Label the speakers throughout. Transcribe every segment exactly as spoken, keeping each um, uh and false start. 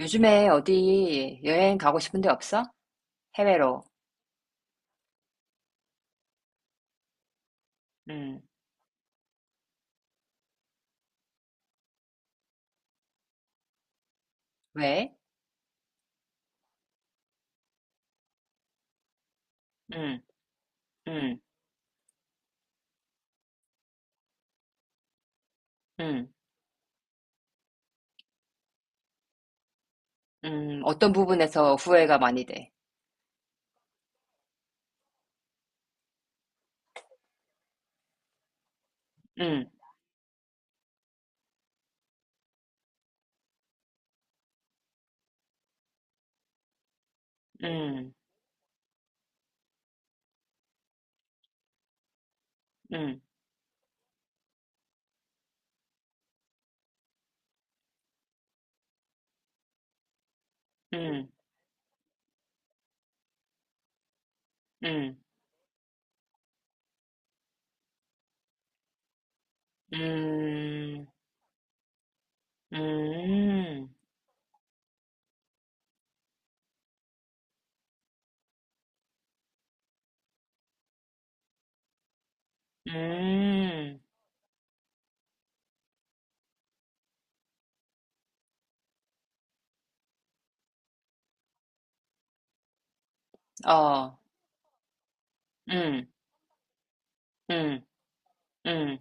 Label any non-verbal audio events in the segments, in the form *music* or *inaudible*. Speaker 1: 요즘에 어디 여행 가고 싶은 데 없어? 해외로. 음, 왜? 음, 음, 음, 음, 어떤 부분에서 후회가 많이 돼? 음, 음, 음, 음, 음, 음, 음, 음, 어, 음, 음, 음,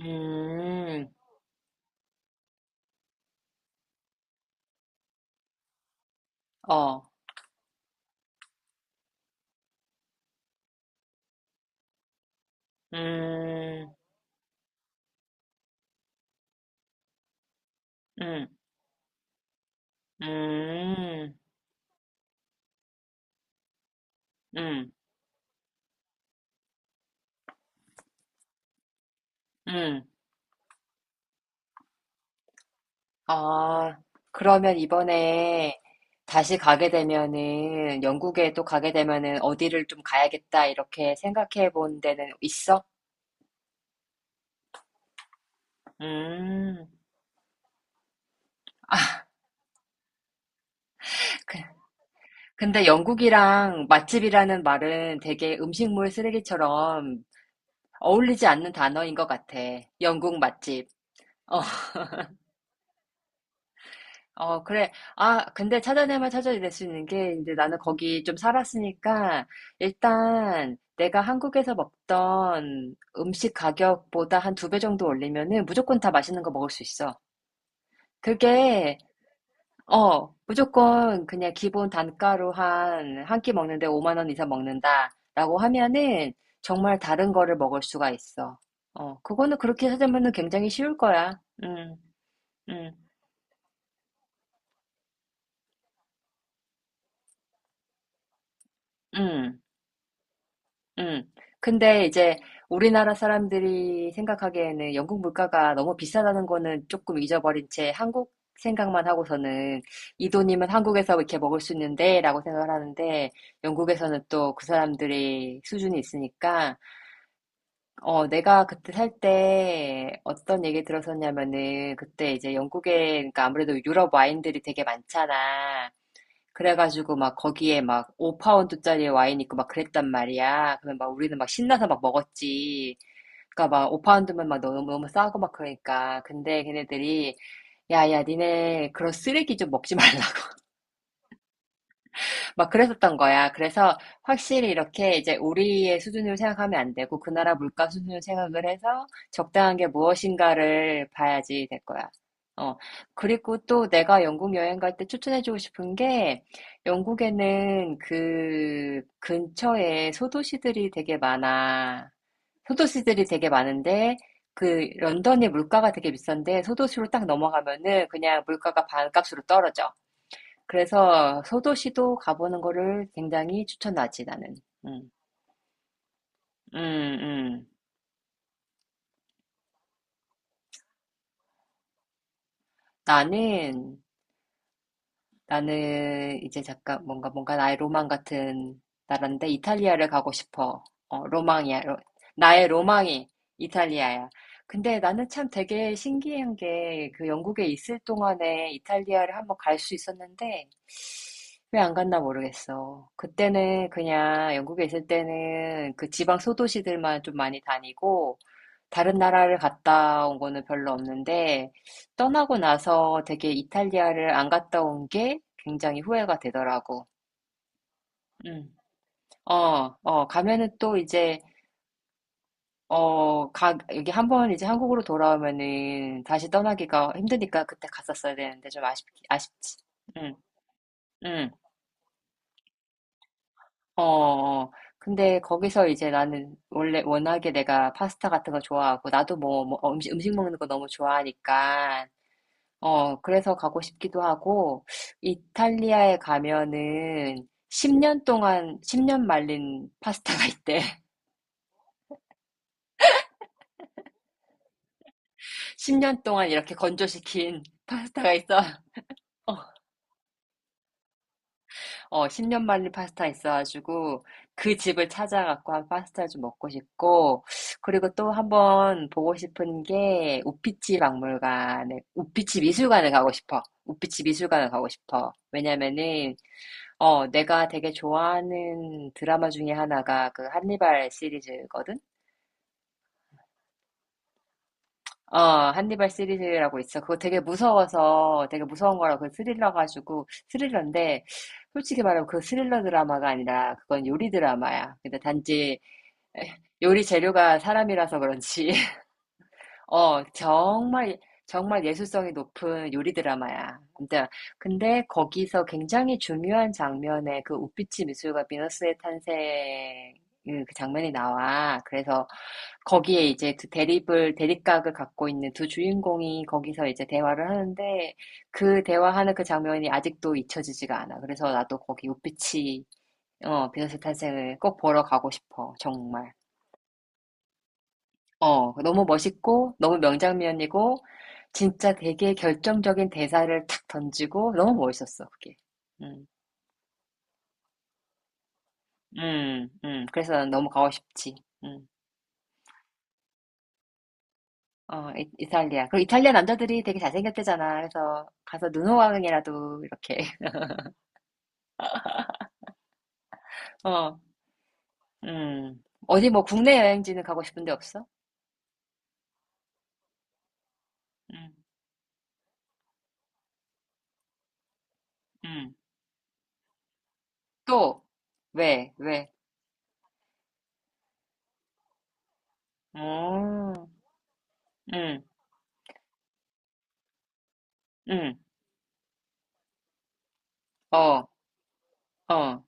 Speaker 1: 음, 어, 음, 음, 음, 음, 음, 아, 그러면 이번에 다시 가게 되면은, 영국에 또 가게 되면은 어디를 좀 가야겠다, 이렇게 생각해 본 데는 있어? 음, 아, 그- 근데 영국이랑 맛집이라는 말은 되게 음식물 쓰레기처럼 어울리지 않는 단어인 것 같아. 영국 맛집. 어. 어, 그래. 아, 근데 찾아내면 찾아낼 수 있는 게, 이제 나는 거기 좀 살았으니까, 일단 내가 한국에서 먹던 음식 가격보다 한 두 배 정도 올리면은 무조건 다 맛있는 거 먹을 수 있어. 그게, 어, 무조건 그냥 기본 단가로 한, 한 끼 먹는데 오만 원 이상 먹는다라고 하면은 정말 다른 거를 먹을 수가 있어. 어, 그거는 그렇게 찾으면은 굉장히 쉬울 거야. 음, 음, 음. 음. 근데 이제 우리나라 사람들이 생각하기에는 영국 물가가 너무 비싸다는 거는 조금 잊어버린 채 한국 생각만 하고서는 이 돈이면 한국에서 이렇게 먹을 수 있는데 라고 생각을 하는데 영국에서는 또 그 사람들이 수준이 있으니까 어, 내가 그때 살 때 어떤 얘기 들었었냐면은 그때 이제 영국에 그러니까 아무래도 유럽 와인들이 되게 많잖아. 그래가지고 막 거기에 막 오 파운드짜리 와인 있고 막 그랬단 말이야. 그러면 막 우리는 막 신나서 막 먹었지. 그러니까 막 오 파운드면 막 너무 너무 싸고 막 그러니까. 근데 걔네들이 야야 니네 그런 쓰레기 좀 먹지 말라. 막 그랬었던 거야. 그래서 확실히 이렇게 이제 우리의 수준으로 생각하면 안 되고 그 나라 물가 수준으로 생각을 해서 적당한 게 무엇인가를 봐야지 될 거야. 어. 그리고 또 내가 영국 여행 갈 때 추천해주고 싶은 게 영국에는 그 근처에 소도시들이 되게 많아. 소도시들이 되게 많은데 그 런던의 물가가 되게 비싼데 소도시로 딱 넘어가면은 그냥 물가가 반값으로 떨어져. 그래서 소도시도 가보는 거를 굉장히 추천하지, 나는. 음, 음, 음. 나는, 나는 이제 잠깐 뭔가, 뭔가 나의 로망 같은 나라인데 이탈리아를 가고 싶어. 어, 로망이야. 로- 나의 로망이 이탈리아야. 근데 나는 참 되게 신기한 게 그 영국에 있을 동안에 이탈리아를 한번 갈 수 있었는데 왜 안 갔나 모르겠어. 그때는 그냥 영국에 있을 때는 그 지방 소도시들만 좀 많이 다니고 다른 나라를 갔다 온 거는 별로 없는데 떠나고 나서 되게 이탈리아를 안 갔다 온 게 굉장히 후회가 되더라고. 음. 어, 어, 가면은 또 이제 어, 가 여기 한번 이제 한국으로 돌아오면은 다시 떠나기가 힘드니까 그때 갔었어야 되는데 좀 아쉽 아쉽지. 응 응 어, 어. 근데 거기서 이제 나는 원래 워낙에 내가 파스타 같은 거 좋아하고 나도 뭐, 뭐 음식, 음식 먹는 거 너무 좋아하니까 어, 그래서 가고 싶기도 하고, 이탈리아에 가면은 십 년 동안, 십 년 말린 파스타가 있대. *laughs* 십 년 동안 이렇게 건조시킨 파스타가 있어. *laughs* 어, 어, 십 년 말린 파스타 있어가지고, 그 집을 찾아갖고 한 파스타 좀 먹고 싶고, 그리고 또 한번 보고 싶은 게, 우피치 박물관에, 우피치 미술관을 가고 싶어. 우피치 미술관을 가고 싶어. 왜냐면은, 어, 내가 되게 좋아하는 드라마 중에 하나가 그 한니발 시리즈거든? 어, 한니발 시리즈라고 있어. 그거 되게 무서워서, 되게 무서운 거라고 스릴러 가지고, 스릴러인데, 솔직히 말하면 그 스릴러 드라마가 아니라, 그건 요리 드라마야. 근데 단지 요리 재료가 사람이라서 그런지, 어, 정말, 정말 예술성이 높은 요리 드라마야. 근데, 근데 거기서 굉장히 중요한 장면에 그 우피치 미술관 비너스의 탄생, 음, 그 장면이 나와. 그래서 거기에 이제 두 대립을, 대립각을 갖고 있는 두 주인공이 거기서 이제 대화를 하는데 그 대화하는 그 장면이 아직도 잊혀지지가 않아. 그래서 나도 거기 우피치, 어, 비너스 탄생을 꼭 보러 가고 싶어. 정말. 어, 너무 멋있고, 너무 명장면이고, 진짜 되게 결정적인 대사를 탁 던지고, 너무 멋있었어, 그게. 음, 음, 음. 그래서 난 너무 가고 싶지. 음. 어, 이, 이탈리아. 그리고 이탈리아 남자들이 되게 잘생겼대잖아. 그래서 가서 눈호강이라도 이렇게. *laughs* 어, 음. 어디 뭐 국내 여행지는 가고 싶은데 없어? 음, 음. 또, 왜, 왜? 어, 음, 음. 어, 어.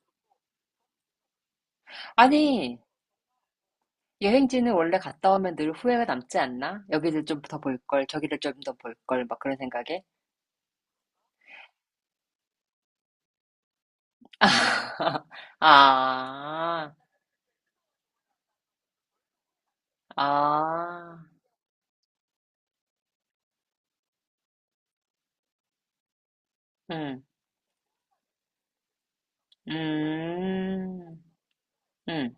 Speaker 1: 아니, 여행지는 원래 갔다 오면 늘 후회가 남지 않나? 여기를 좀 더 볼 걸, 저기를 좀 더 볼 걸, 막 그런 생각에. *laughs* 아, 아, 음, 음, 음,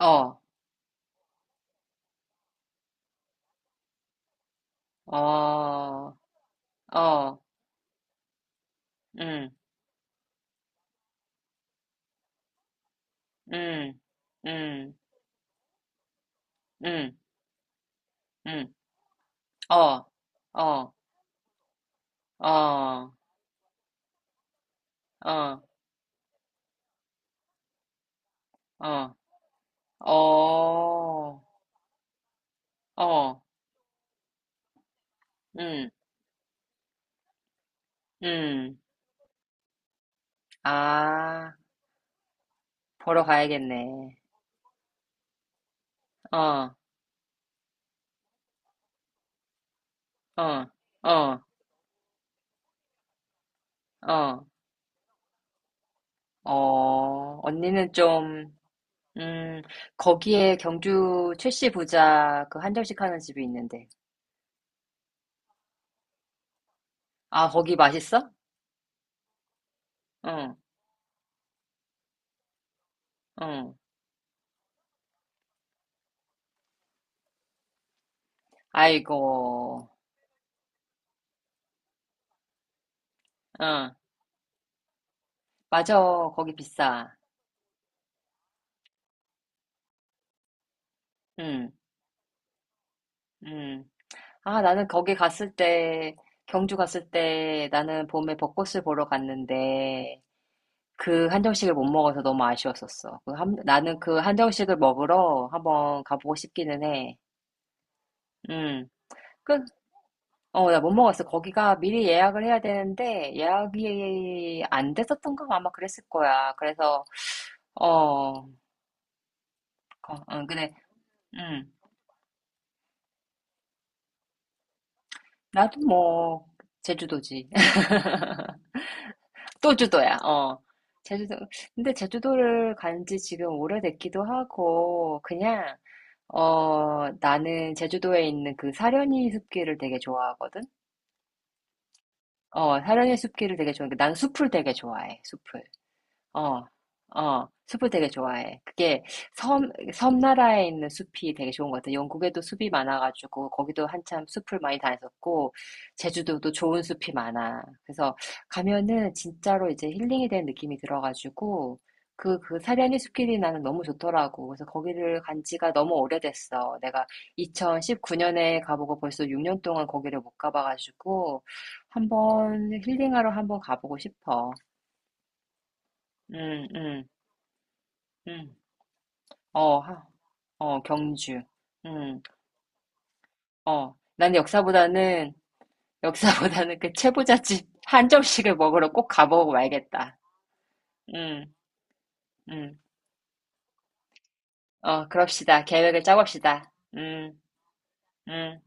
Speaker 1: 어, 어, 어, 음, 음, 음, 음, 음, 어, 어, 어, 어, 어, 어, 어, 음, 음, 아, 보러 가야겠네. 어. 어, 어, 어, 어, 언니는 좀, 음, 거기에 경주 최씨 부자 그 한정식 하는 집이 있는데. 아, 거기 맛있어? 응, 응. 아이고, 응. 맞아, 거기 비싸. 응, 응. 아, 나는 거기 갔을 때, 경주 갔을 때 나는 봄에 벚꽃을 보러 갔는데, 그 한정식을 못 먹어서 너무 아쉬웠었어. 그 한- 나는 그 한정식을 먹으러 한번 가보고 싶기는 해. 음. 그, 어, 나 못 먹었어. 거기가 미리 예약을 해야 되는데 예약이 안 됐었던 거 아마 그랬을 거야. 그래서 어, 거- 어 근데 음, 나도 뭐 제주도지. *laughs* 또 주도야. 어. 제주도. 근데 제주도를 간지 지금 오래됐기도 하고 그냥 어, 나는 제주도에 있는 그 사려니 숲길을 되게 좋아하거든. 어, 사려니 숲길을 되게 좋아해. 난 숲을 되게 좋아해. 숲을. 어, 어, 숲을 되게 좋아해. 그게 섬, 섬나라에 있는 숲이 되게 좋은 것 같아. 영국에도 숲이 많아가지고, 거기도 한참 숲을 많이 다녔었고, 제주도도 좋은 숲이 많아. 그래서 가면은 진짜로 이제 힐링이 된 느낌이 들어가지고, 그, 그 사려니 숲길이 나는 너무 좋더라고. 그래서 거기를 간 지가 너무 오래됐어. 내가 이천십구 년에 가보고 벌써 육 년 동안 거기를 못 가봐가지고, 한번 힐링하러 한번 가보고 싶어. 음, 음, 음. 어, 하, 어, 경주. 음, 어. 난 역사보다는, *laughs* 역사보다는 그 채부잣집 한 점씩을 먹으러 꼭 가보고 말겠다. 음, 음. 어, 그럽시다. 계획을 짜봅시다. 음, 음.